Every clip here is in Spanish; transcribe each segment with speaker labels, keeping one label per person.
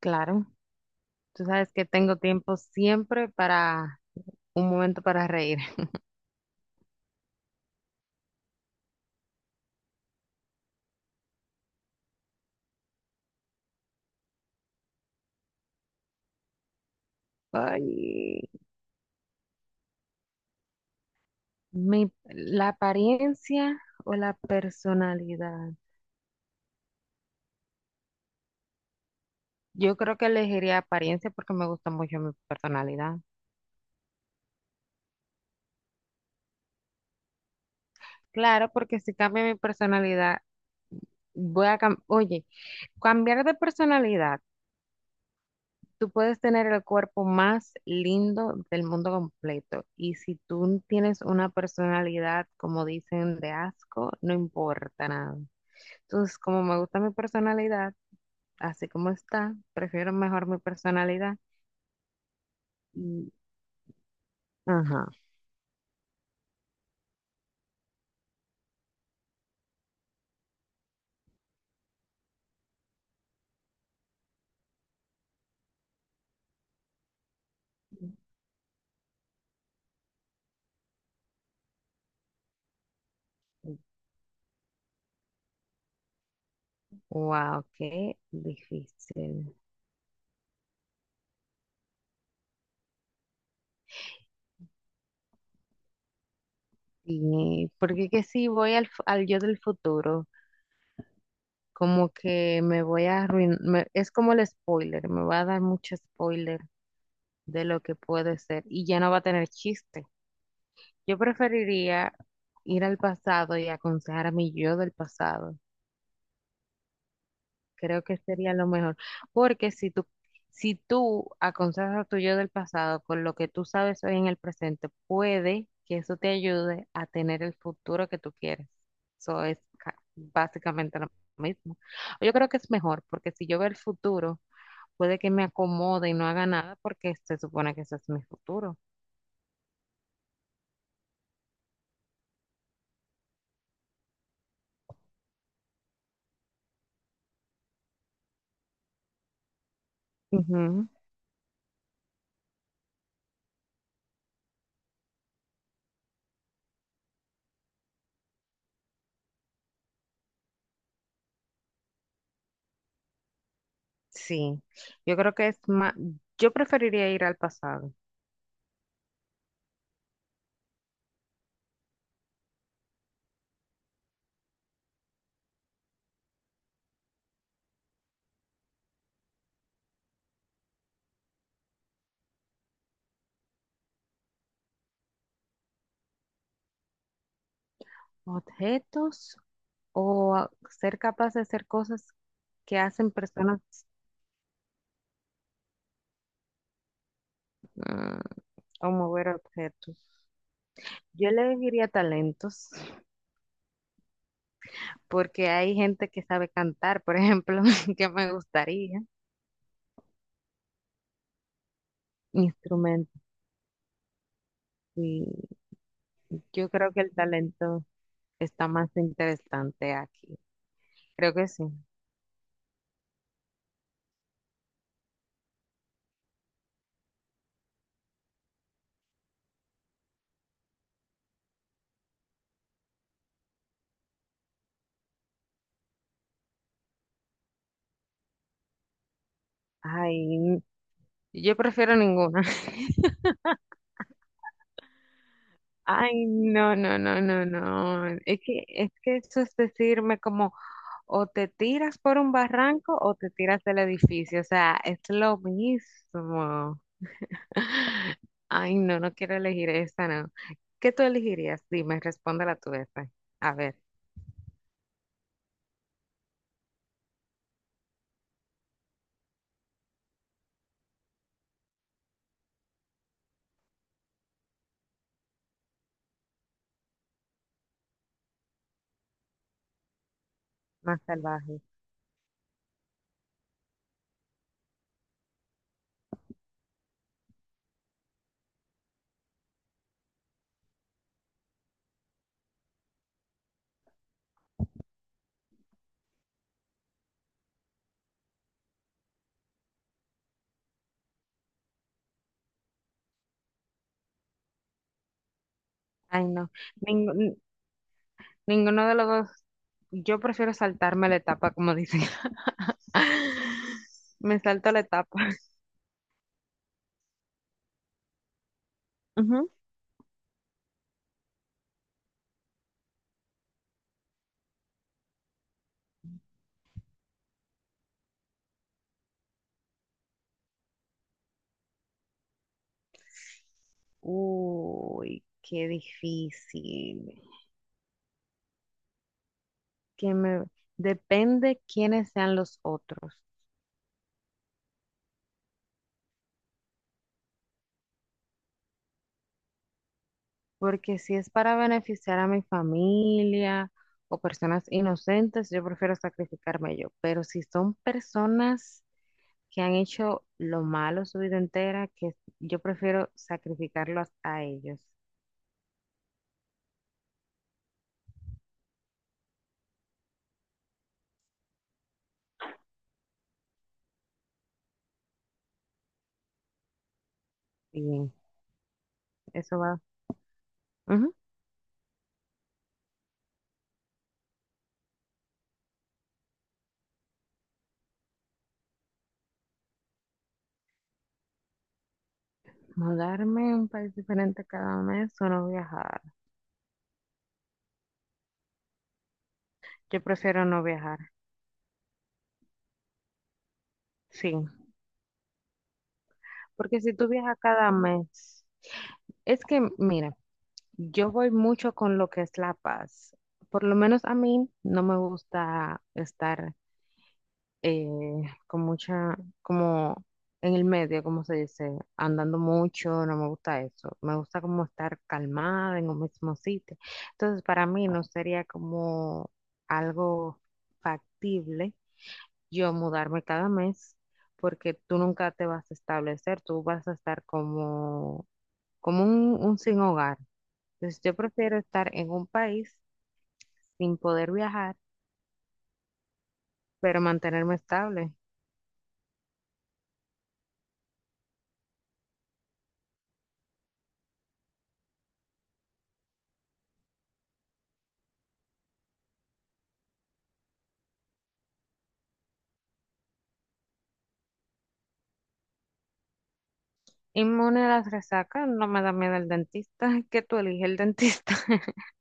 Speaker 1: Claro, tú sabes que tengo tiempo siempre para un momento para reír. Ay, la apariencia o la personalidad. Yo creo que elegiría apariencia porque me gusta mucho mi personalidad. Claro, porque si cambia mi personalidad, Oye, cambiar de personalidad. Tú puedes tener el cuerpo más lindo del mundo completo y si tú tienes una personalidad, como dicen, de asco, no importa nada. Entonces, como me gusta mi personalidad, así como está, prefiero mejor mi personalidad. Y, ajá. Wow, qué difícil. Y porque que si voy al yo del futuro, como que me voy a arruinar, es como el spoiler, me va a dar mucho spoiler de lo que puede ser y ya no va a tener chiste. Yo preferiría ir al pasado y aconsejar a mi yo del pasado. Creo que sería lo mejor, porque si tú aconsejas a tu yo del pasado con lo que tú sabes hoy en el presente, puede que eso te ayude a tener el futuro que tú quieres. Básicamente lo mismo. Yo creo que es mejor, porque si yo veo el futuro, puede que me acomode y no haga nada, porque se supone que ese es mi futuro. Ujú. Sí, yo creo que es más, yo preferiría ir al pasado. Objetos. Ser capaz de hacer cosas que hacen personas, mm, o mover objetos. Yo le diría talentos, porque hay gente que sabe cantar, por ejemplo, que me gustaría. Instrumentos, y yo creo que el talento está más interesante aquí. Creo que sí. Ay, n- yo prefiero ninguna. Ay, no, no, no, no, no. Es que eso es decirme como o te tiras por un barranco o te tiras del edificio. O sea, es lo mismo. Ay, no, no quiero elegir esta, no. ¿Qué tú elegirías? Dime, respóndela tú esta. A ver, más salvaje. Ay, no. Ningún- ninguno de los dos. Yo prefiero saltarme la etapa, como dicen. Me salto la etapa. Ujú. Uy, qué difícil. Que me depende quiénes sean los otros. Porque si es para beneficiar a mi familia o personas inocentes, yo prefiero sacrificarme yo. Pero si son personas que han hecho lo malo su vida entera, que yo prefiero sacrificarlos a ellos. Bien, eso va. Ujú. Mudarme a un país diferente cada mes o no viajar. Yo prefiero no viajar. Sí, porque si tú viajas cada mes, es que, mira. Yo voy mucho con lo que es la paz. Por lo menos a mí no me gusta estar eh, con mucha, como en el medio, como se dice, andando mucho, no me gusta eso. Me gusta como estar calmada en un mismo sitio. Entonces, para mí no sería como algo factible yo mudarme cada mes, porque tú nunca te vas a establecer, tú vas a estar como, como un sin hogar. Entonces yo prefiero estar en un país sin poder viajar, pero mantenerme estable. Inmune a las resacas, no me da miedo el dentista, que tú eliges el dentista.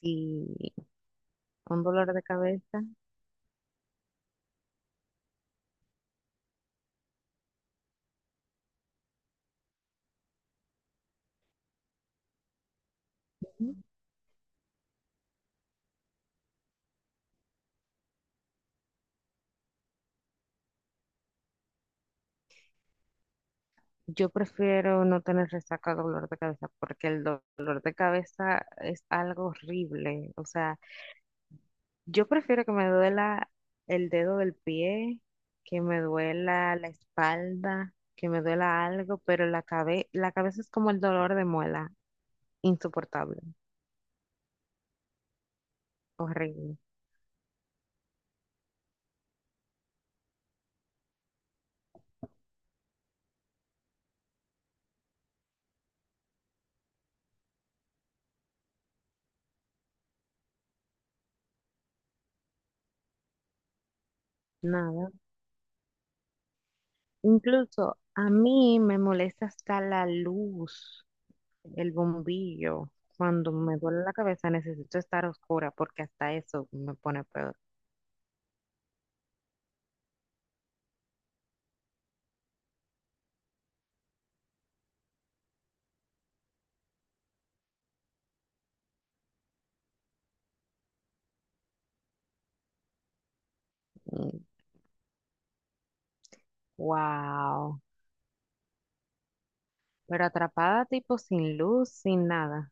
Speaker 1: Y un dolor de cabeza, ¿no? Yo prefiero no tener resaca o dolor de cabeza, porque dolor de cabeza es algo horrible. O sea, yo prefiero que me duela el dedo del pie, que me duela la espalda, que me duela algo, pero la cabeza es como el dolor de muela. Insoportable, horrible, nada. Incluso a mí me molesta hasta la luz, el bombillo. Cuando me duele la cabeza necesito estar oscura porque hasta eso me pone peor. Mm. Wow. Pero atrapada tipo sin luz, sin nada.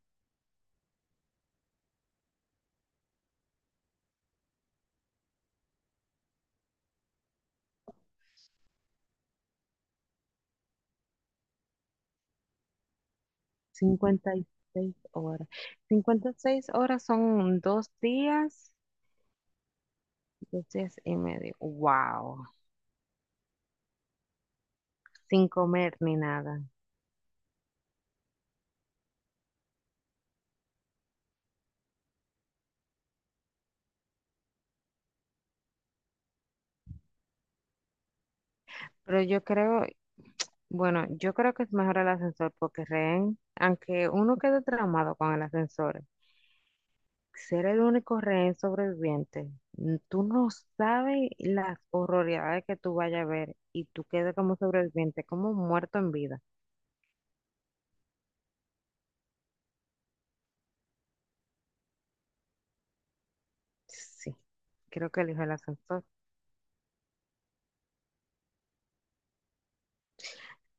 Speaker 1: 56 horas. 56 horas son dos días y medio. Wow. Sin comer ni nada. Pero yo creo, Bueno, yo creo que es mejor el ascensor porque rehén, aunque uno quede traumado con el ascensor, ser el único rehén sobreviviente, mm, tú no sabes las horroridades que tú vayas a ver y tú quedes como sobreviviente, como muerto en vida. Sí, creo que elijo el ascensor.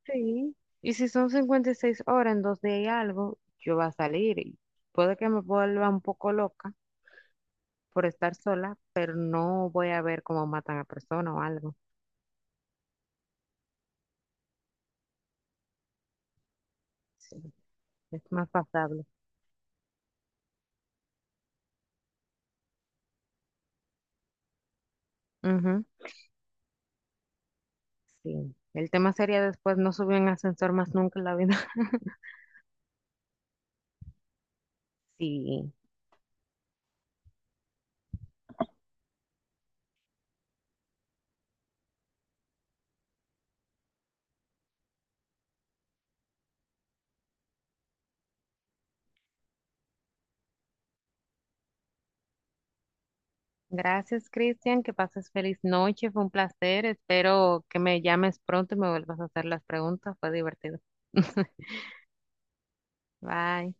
Speaker 1: Sí. Y si son 56 horas en dos días y algo, yo voy a salir y puede que me vuelva un poco loca por estar sola, pero no voy a ver cómo matan a personas o algo. Sí, es más pasable. Ujú. Sí, el tema sería después no subir en ascensor más nunca en la vida. Sí, gracias Cristian, que pases feliz noche, fue un placer, espero que me llames pronto y me vuelvas a hacer las preguntas, fue divertido. Bye.